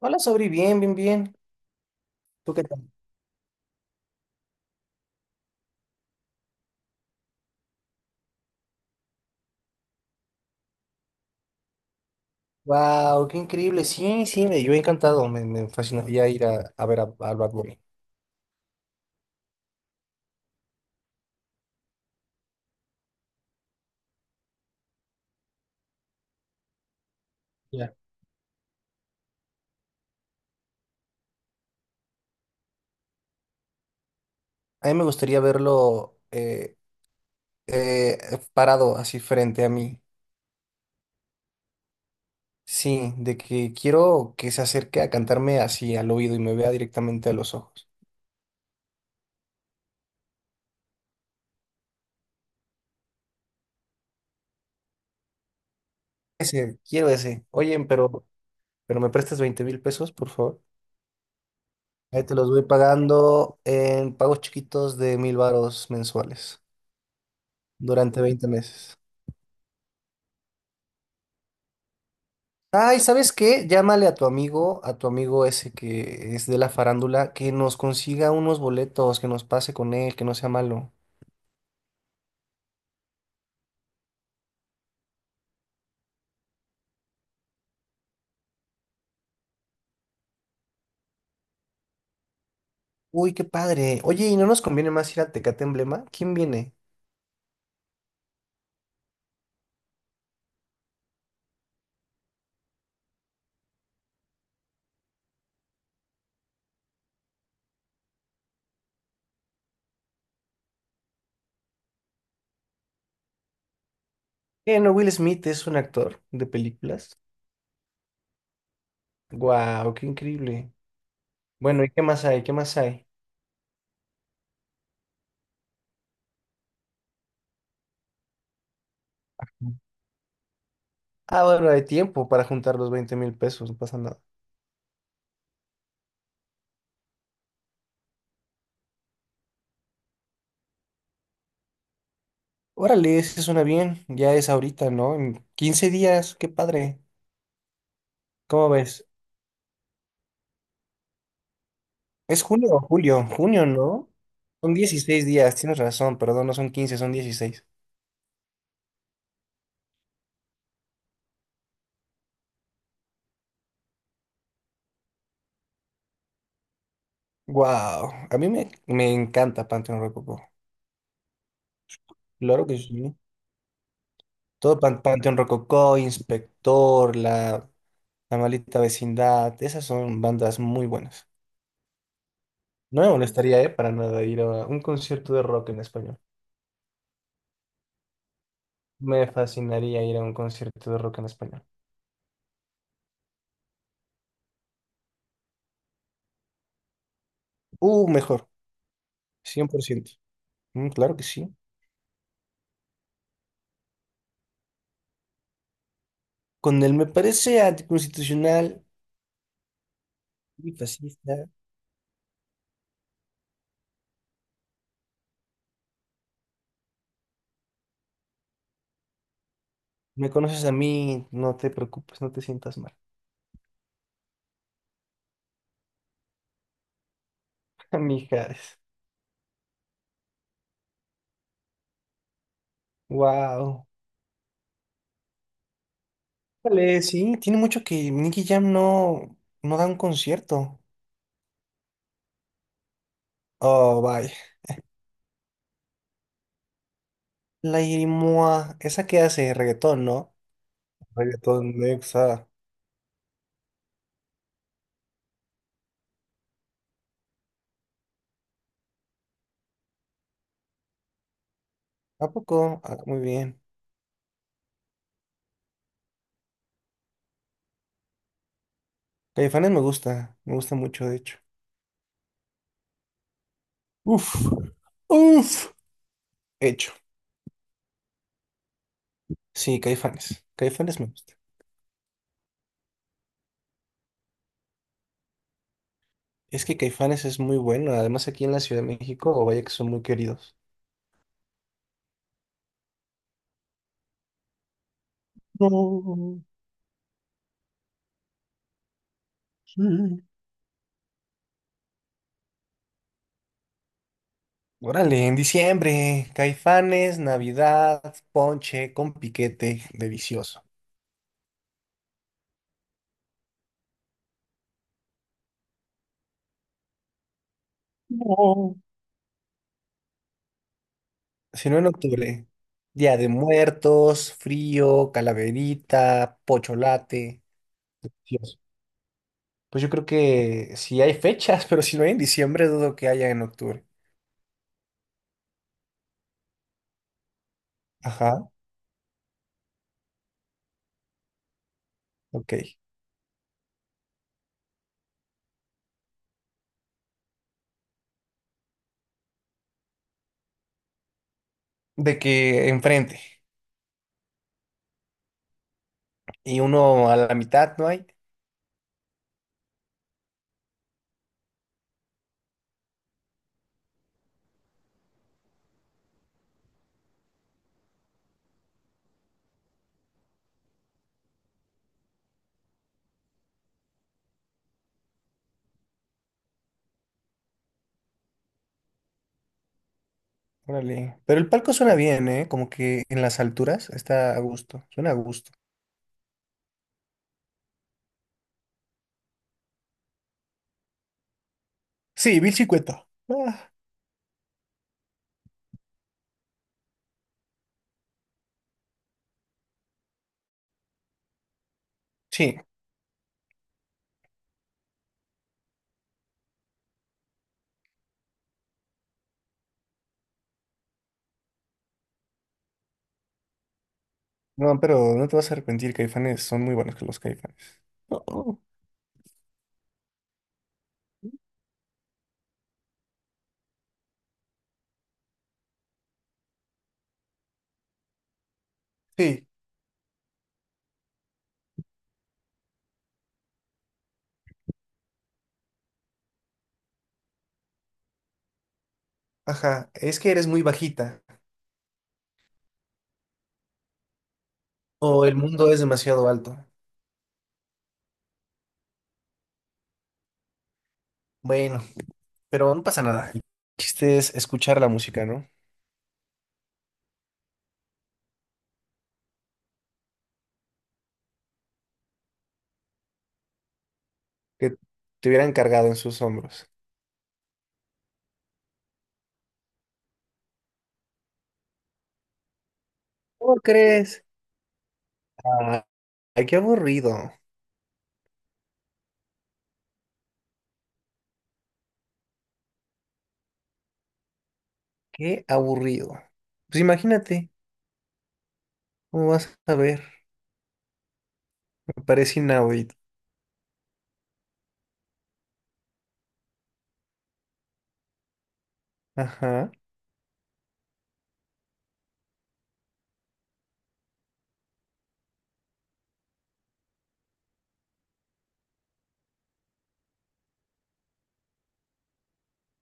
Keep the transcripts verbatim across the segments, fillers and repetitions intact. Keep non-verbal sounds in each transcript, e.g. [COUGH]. Hola, Sobri, bien, bien, bien. ¿Tú qué tal? Wow, qué increíble. Sí, sí, me, yo he encantado. Me, me fascinaría ir a, a ver a, al Bad Bunny. Ya. A mí me gustaría verlo eh, eh, parado así frente a mí. Sí, de que quiero que se acerque a cantarme así al oído y me vea directamente a los ojos. Ese, quiero ese. Oye, pero, pero me prestas veinte mil pesos, por favor. Ahí te los voy pagando en pagos chiquitos de mil varos mensuales durante veinte meses. Ay, ¿sabes qué? Llámale a tu amigo, a tu amigo ese que es de la farándula, que nos consiga unos boletos, que nos pase con él, que no sea malo. Uy, qué padre. Oye, ¿y no nos conviene más ir a Tecate Emblema? ¿Quién viene? Eh, no, Will Smith es un actor de películas. Guau, qué increíble. Bueno, ¿y qué más hay? ¿Qué más hay? Ah, bueno, hay tiempo para juntar los veinte mil pesos, no pasa nada. Órale, eso suena bien. Ya es ahorita, ¿no? En quince días, qué padre. ¿Cómo ves? ¿Es junio o julio, junio, ¿no? Son dieciséis días, tienes razón, perdón, no son quince, son dieciséis. Wow, a mí me, me encanta Panteón Rococó. Claro que sí. Todo Pan- Panteón Rococó, Inspector, la, la Maldita Vecindad, esas son bandas muy buenas. No me molestaría, eh, para nada ir a un concierto de rock en español. Me fascinaría ir a un concierto de rock en español. Uh, mejor, cien por ciento. Mm, claro que sí. Con él me parece anticonstitucional y fascista. Me conoces a mí, no te preocupes, no te sientas mal. [LAUGHS] Amigas, wow. Vale, sí, tiene mucho que Nicky Jam no, no da un concierto. Oh, vaya. La Irimoa, esa que hace reggaetón, ¿no? Reggaetón Nexa. ¿A poco? Ah, muy bien. Caifanes me gusta, me gusta mucho, de hecho. Uf, uf. Hecho. Sí, Caifanes. Caifanes me gusta. Es que Caifanes es muy bueno, además aquí en la Ciudad de México, o vaya que son muy queridos. No, sí. Órale, en diciembre, Caifanes, Navidad, ponche con piquete delicioso. No. Si no en octubre, Día de Muertos, frío, calaverita, pocholate. Dios. Pues yo creo que si hay fechas, [LAUGHS] pero si no hay en diciembre, dudo que haya en octubre. Ajá, ok. De que enfrente. Y uno a la mitad no hay. Órale. Pero el palco suena bien, ¿eh? Como que en las alturas está a gusto. Suena a gusto. Sí, mil cincuenta. Ah. Sí, no, pero no te vas a arrepentir, Caifanes, son muy buenos que los Caifanes. Oh, oh. Sí, ajá, es que eres muy bajita o el mundo es demasiado alto. Bueno, pero no pasa nada. El chiste es escuchar la música, ¿no? Que te hubieran cargado en sus hombros. ¿Cómo crees? Ah, qué aburrido, qué aburrido. Pues imagínate, ¿cómo vas a ver? Me parece inaudito. Ajá.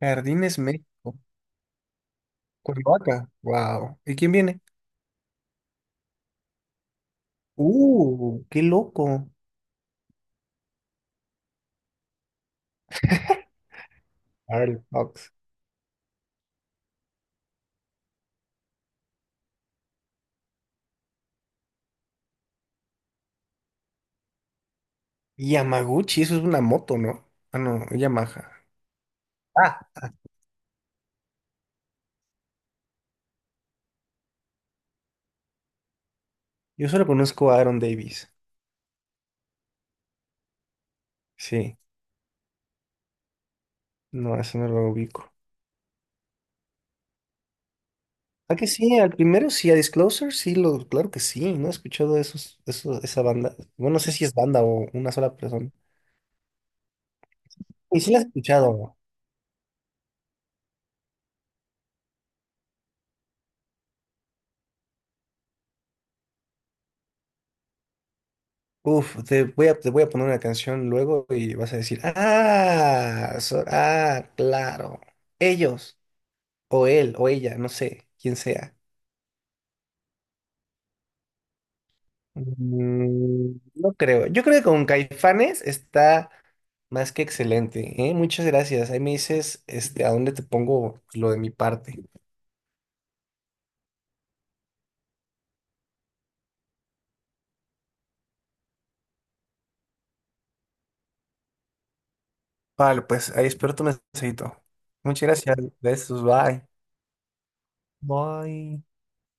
Jardines México, Cuernavaca, wow. ¿Y quién viene? Uh, qué loco. Carl Cox. Yamaguchi, ¿eso es una moto, ¿no? Ah, no, Yamaha. Ah, yo solo conozco a Aaron Davis. Sí, no, eso no lo ubico. Ah, que sí, al primero sí, a Disclosure, sí, lo, claro que sí, no he escuchado esos, eso, esa banda. Bueno, no sé si es banda o una sola persona. Y sí la has escuchado. Uf, te voy a, te voy a poner una canción luego y vas a decir, ah, so- ah, claro, ellos, o él, o ella, no sé, quién sea. Mm, No creo. Yo creo que con Caifanes está más que excelente, ¿eh? Muchas gracias. Ahí me dices, este, a dónde te pongo lo de mi parte. Vale, pues ahí espero tu mensajito. Muchas gracias. Besos, bye. Bye.